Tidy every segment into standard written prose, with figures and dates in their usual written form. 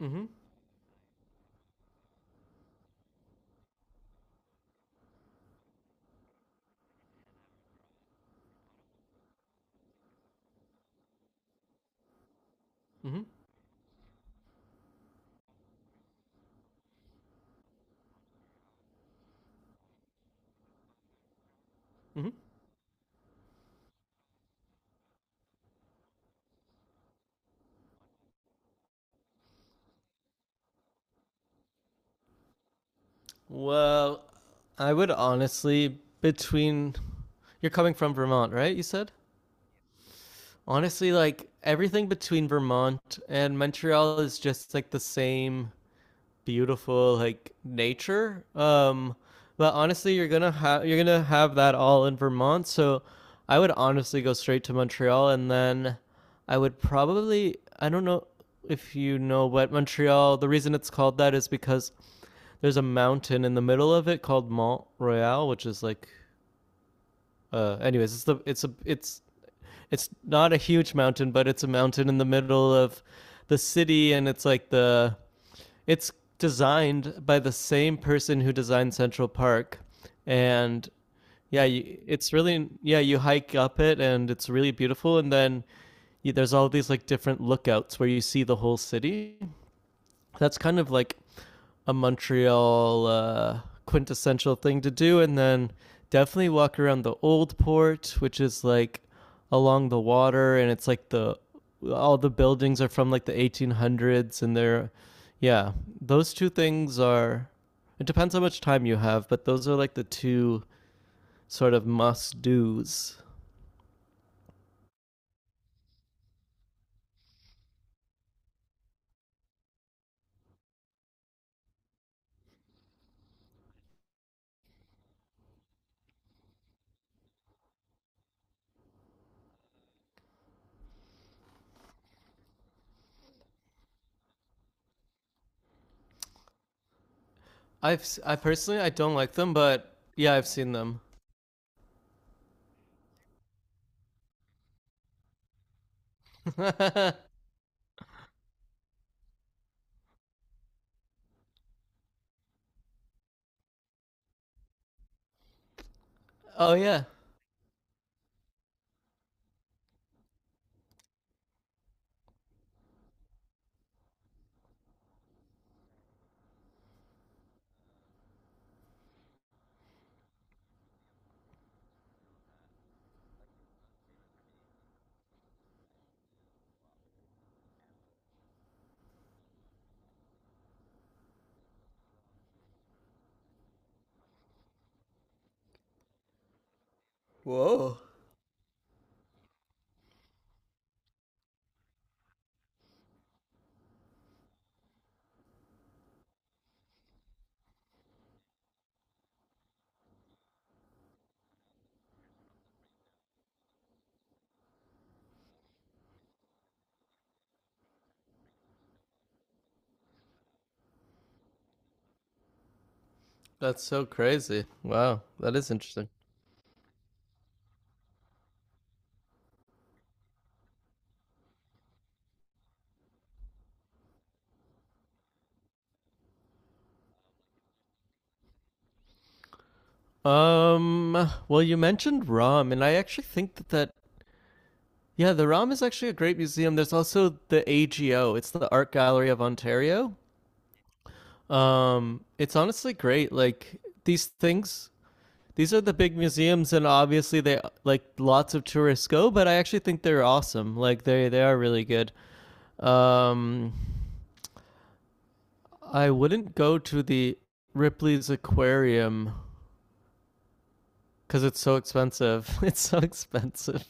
Mm-hmm. Mm-hmm. Mm-hmm. Well, I would honestly between you're coming from Vermont, right? You said? Honestly, like everything between Vermont and Montreal is just like the same beautiful like nature. But honestly, you're going to have that all in Vermont, so I would honestly go straight to Montreal, and then I would probably, I don't know if you know, but Montreal, the reason it's called that is because there's a mountain in the middle of it called Mont Royal, which is like anyways, it's it's not a huge mountain, but it's a mountain in the middle of the city, and it's designed by the same person who designed Central Park. And yeah, it's really, yeah, you hike up it and it's really beautiful. And then there's all these like different lookouts where you see the whole city. That's kind of like a Montreal quintessential thing to do. And then definitely walk around the old port, which is like along the water, and it's like the all the buildings are from like the 1800s, and they're, yeah, those two things are. It depends how much time you have, but those are like the two sort of must dos. I personally I don't like them, but yeah, I've seen them. Oh. Yeah. Whoa. That's so crazy. Wow, that is interesting. Well, you mentioned ROM, and I actually think that yeah, the ROM is actually a great museum. There's also the AGO. It's the Art Gallery of Ontario. It's honestly great. Like these are the big museums, and obviously they like lots of tourists go. But I actually think they're awesome. Like they are really good. Um, I wouldn't go to the Ripley's Aquarium because it's so expensive. It's so expensive.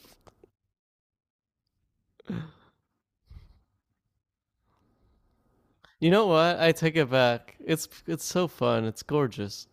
You know what? I take it back. It's so fun. It's gorgeous.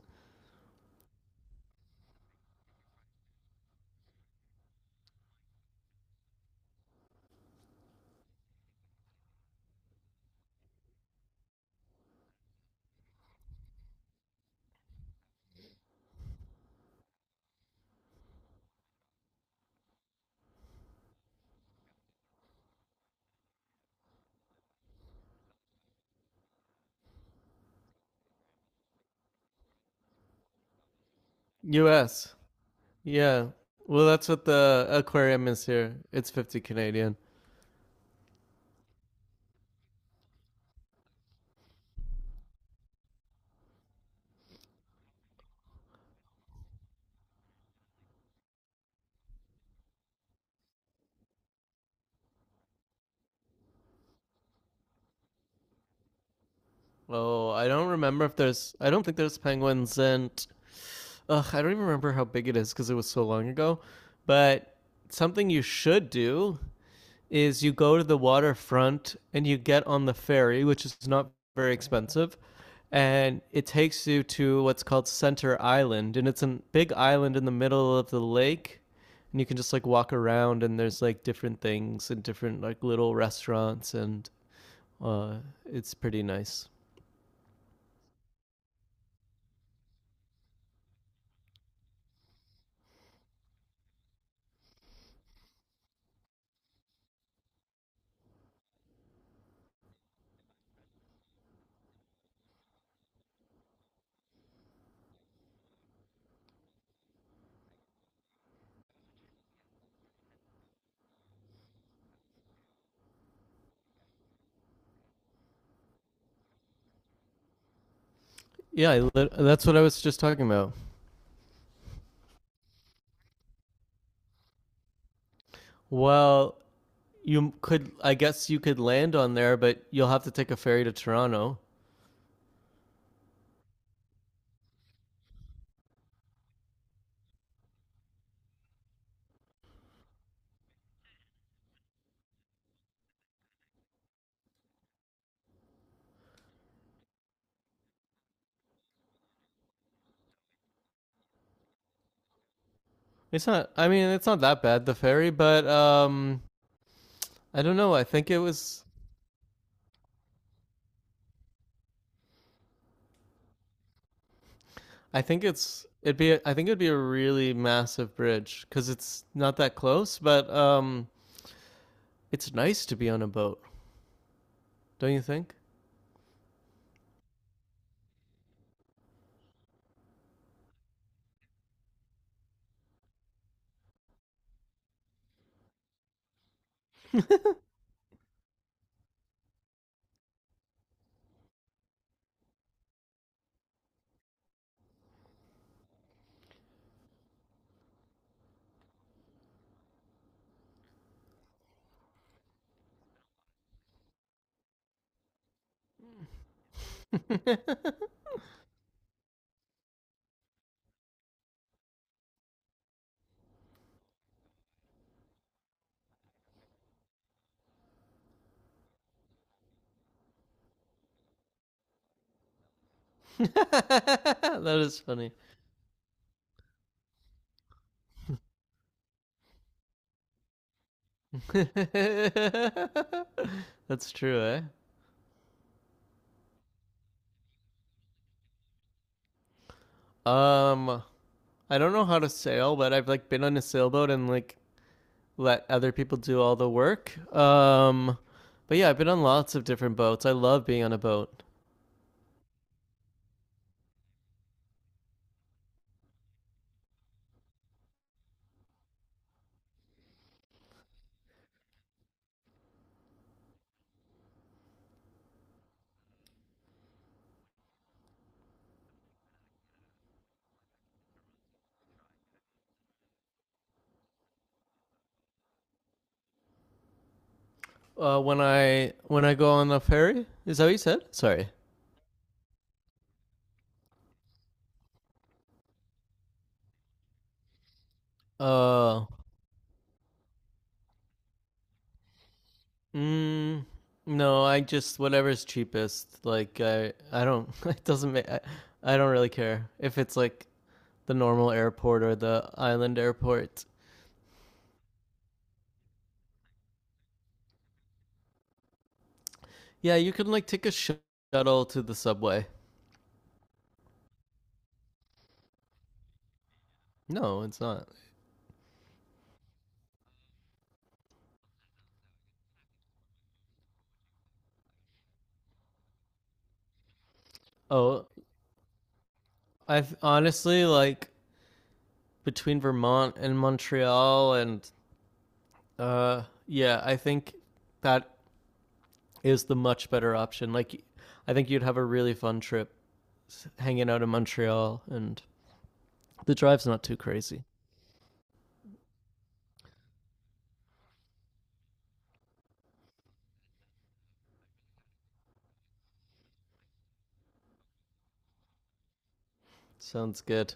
U.S. Yeah. Well, that's what the aquarium is here. It's 50 Canadian. Oh, I don't remember if there's. I don't think there's penguins, and ugh, I don't even remember how big it is because it was so long ago. But something you should do is you go to the waterfront and you get on the ferry, which is not very expensive, and it takes you to what's called Center Island, and it's a big island in the middle of the lake, and you can just like walk around, and there's like different things and different like little restaurants and uh, it's pretty nice. Yeah, that's what I was just talking about. Well, you could, I guess you could land on there, but you'll have to take a ferry to Toronto. It's not. I mean, it's not that bad the ferry, but I don't know. I think it was. I think it's. It'd be. I think it'd be a really massive bridge because it's not that close. But it's nice to be on a boat, don't you think? That is funny. That's true, eh? Um, I don't know how to sail, but I've like been on a sailboat and like let other people do all the work. But yeah, I've been on lots of different boats. I love being on a boat. When I go on a ferry, is that what you said? Sorry. Uh, mm, no, I just whatever's cheapest. Like I don't it doesn't make I don't really care if it's like the normal airport or the island airport. Yeah, you can like take a shuttle to the subway. No, it's not. Oh, I've honestly like between Vermont and Montreal, and yeah, I think that is the much better option. Like, I think you'd have a really fun trip hanging out in Montreal, and the drive's not too crazy. Sounds good.